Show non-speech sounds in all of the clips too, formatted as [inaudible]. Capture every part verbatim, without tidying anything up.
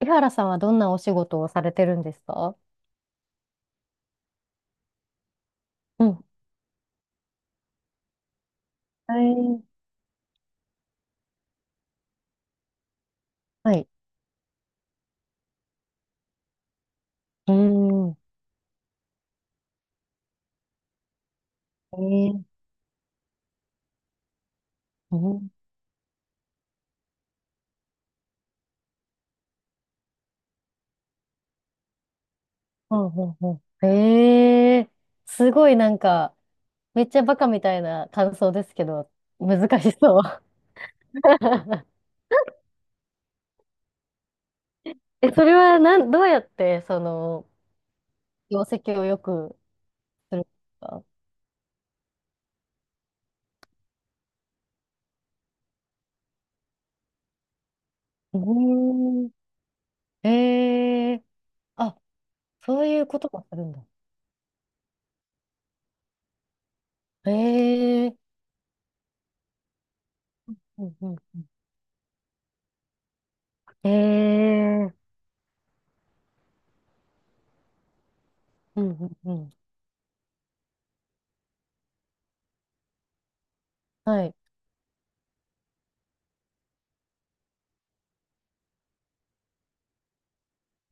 井原さんはどんなお仕事をされてるんですか？うん。はい。はい。うーん。えー、うん。うんうんうん。えー。すごいなんか、めっちゃバカみたいな感想ですけど、難しそう。[laughs] え、それはなん、どうやって、その、業績を良くするんですか？うーん。ええ、あ、そういうこともするんだ。ええ、うんうんうん。ええ、うんうんうん。はい、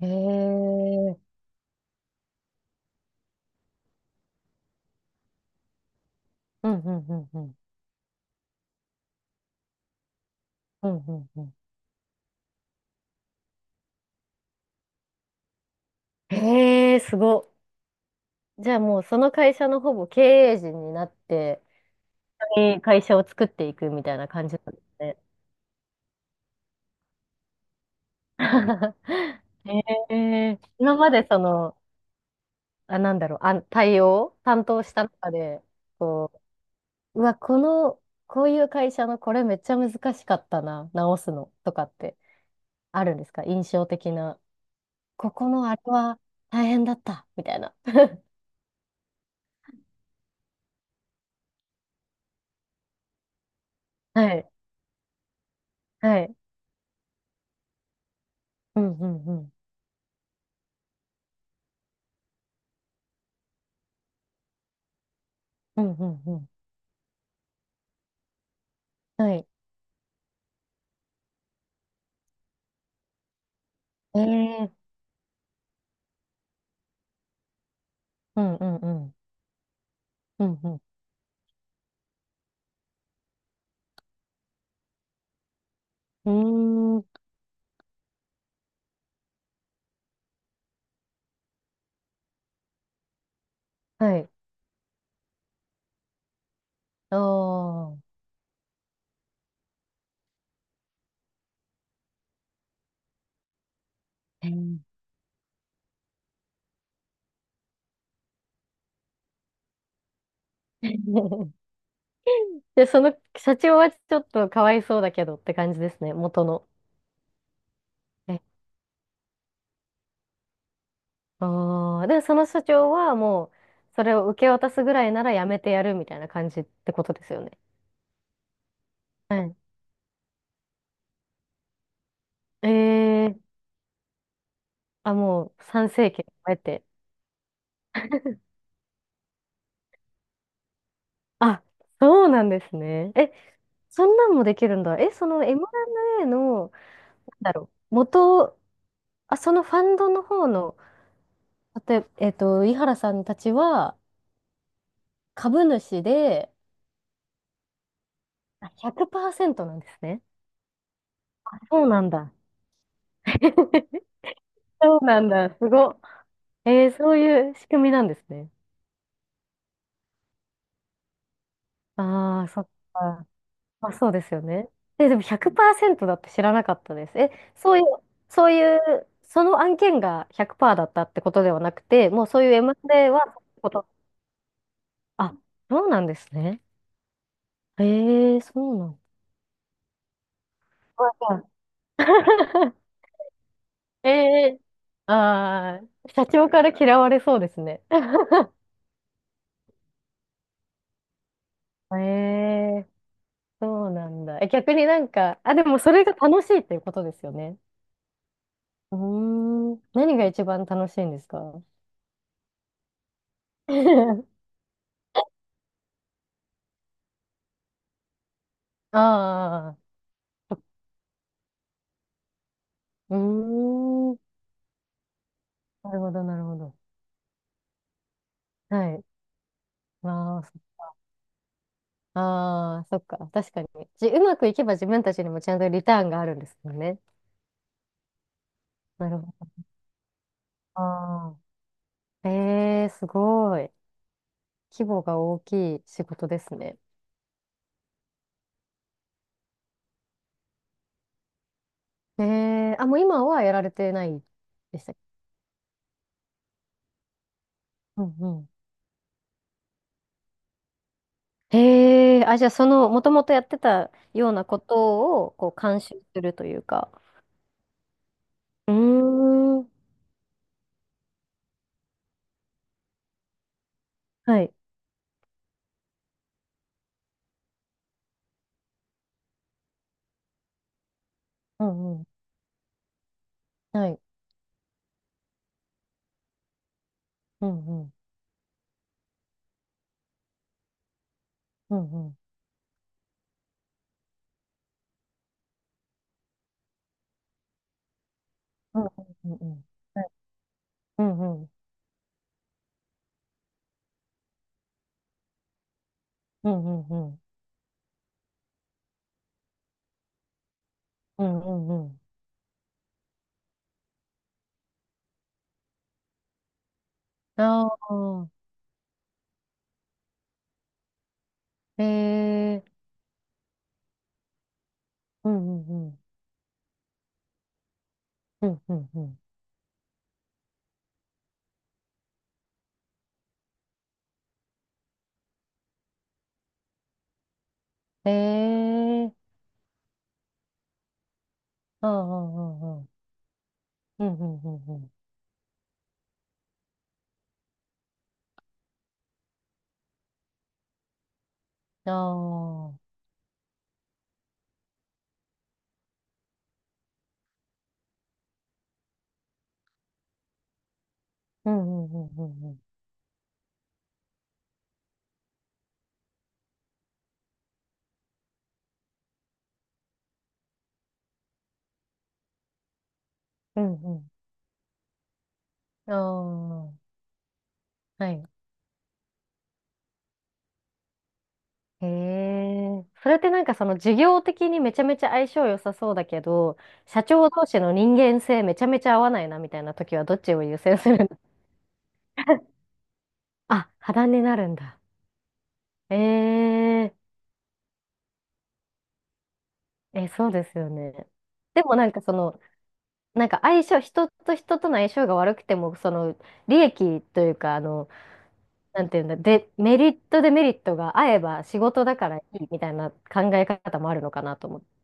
へえ、うんうんうんうん。うんうんうん。へえ、すごっ。じゃあもうその会社のほぼ経営陣になって、え会社を作っていくみたいな感じなんですね。[laughs] へえ、今までその、あ、なんだろう、あ、対応担当した中で、こう、うわ、この、こういう会社のこれめっちゃ難しかったな、直すのとかってあるんですか？印象的な。ここのあれは大変だった、みたいな。はい。はい、うんうんうん。うんうんうん。はい。ええ、うんうんうん。うんうん。うーん。はい。あ、えー。 [laughs] で、その社長はちょっとかわいそうだけどって感じですね、元の。え、ああ。で、その社長はもう、それを受け渡すぐらいならやめてやるみたいな感じってことですよね。はい。ええ、あ、もう参政権を得て。あ、そうなんですね。え、そんなんもできるんだ。え、その エムアンドエー の、だろう。元、あ、そのファンドの方の、例えば、えっと、井原さんたちは株主で、あ、ひゃくパーセントなんですね。あ、そうなんだ。[laughs] そうなんだ。すごっ。えー、そういう仕組みなんですね。ああ、そっか。まあ、そうですよね。え、でもひゃくパーセントだって知らなかったです。え、そういう、そういう、その案件がひゃくパーセントだったってことではなくて、もうそういう エムアンドエー はそういうこと。あ、そうなんですね。えー、そうなんだ。[laughs] ええ、ああー、社長から嫌われそうですね。[laughs] ええ、そうなんだ。え、逆になんか、あ、でもそれが楽しいっていうことですよね。うーん、何が一番楽しいんですか？ [laughs] ああ、うーん、なるほど、なるほど。はい。まあ、そああ、そっか。確かに。じ、うまくいけば自分たちにもちゃんとリターンがあるんですもんね。なるほど。ああ、ええ、すごい。規模が大きい仕事ですね。えー、あ、もう今はやられてないでしたっけ？うんうん。へえ、あ、じゃあその、もともとやってたようなことを、こう、監修するというか。うーん。はい。うんうん。はい。うんうん。うんうん。うんうんうんうん。はい、うんうん。うんうんうん。うんうんうん。ああ。ええ。うんうんうん。うんうんうん。ええ。ああ。うんうんうん。うんうんうん。ああ。うんうんうんうんうん。うんうん。ああ、はい。へえ。それってなんかその事業的にめちゃめちゃ相性良さそうだけど、社長同士の人間性めちゃめちゃ合わないなみたいな時はどっちを優先するの？ [laughs] あ、破談になるんだ。ええ。え、そうですよね。でもなんかその、なんか相性、人と人との相性が悪くても、その利益というか、あの、なんていうんだ、で、メリットデメリットが合えば仕事だからいいみたいな考え方もあるのかなと思って。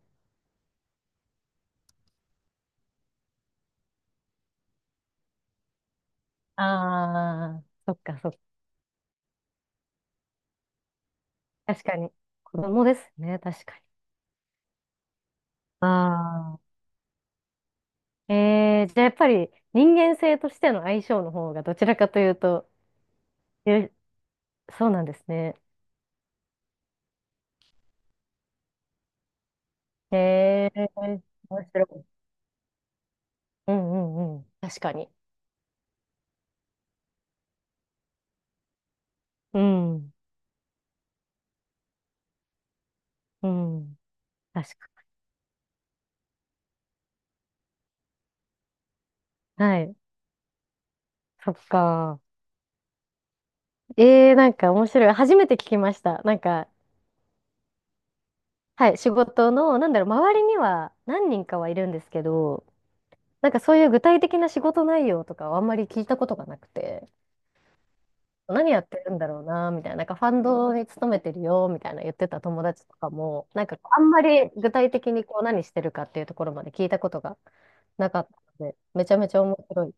ああ、そっか、そっか。確かに。子供ですね、確かに。あ、あ、えー、じゃあやっぱり人間性としての相性の方がどちらかというと、え、そうなんですね。えー、面白い。うんうんうん。確かに。うん。うん。確かに。はい。そっか。ええ、なんか面白い。初めて聞きました。なんか、はい、仕事の、なんだろう、周りには何人かはいるんですけど、なんかそういう具体的な仕事内容とかはあんまり聞いたことがなくて、何やってるんだろうな、みたいな、なんかファンドに勤めてるよ、みたいな言ってた友達とかも、なんかこうあんまり具体的にこう何してるかっていうところまで聞いたことがなかったので、めちゃめちゃ面白い。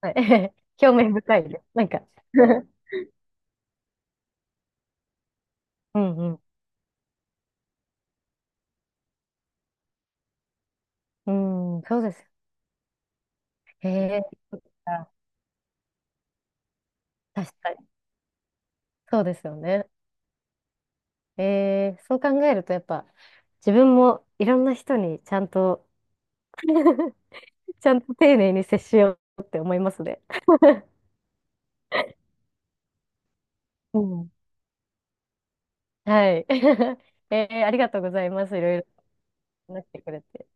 はい。[laughs] 興味深いです。なんか。 [laughs] うんうん。うん、そうです。へえ、そっか、確かに。そうですよね。えー、そう考えるとやっぱ自分もいろんな人にちゃんと [laughs] ちゃんと丁寧に接しようって思いますね。[laughs] うん。はい。[laughs] えー、ありがとうございます。いろいろ話してくれて。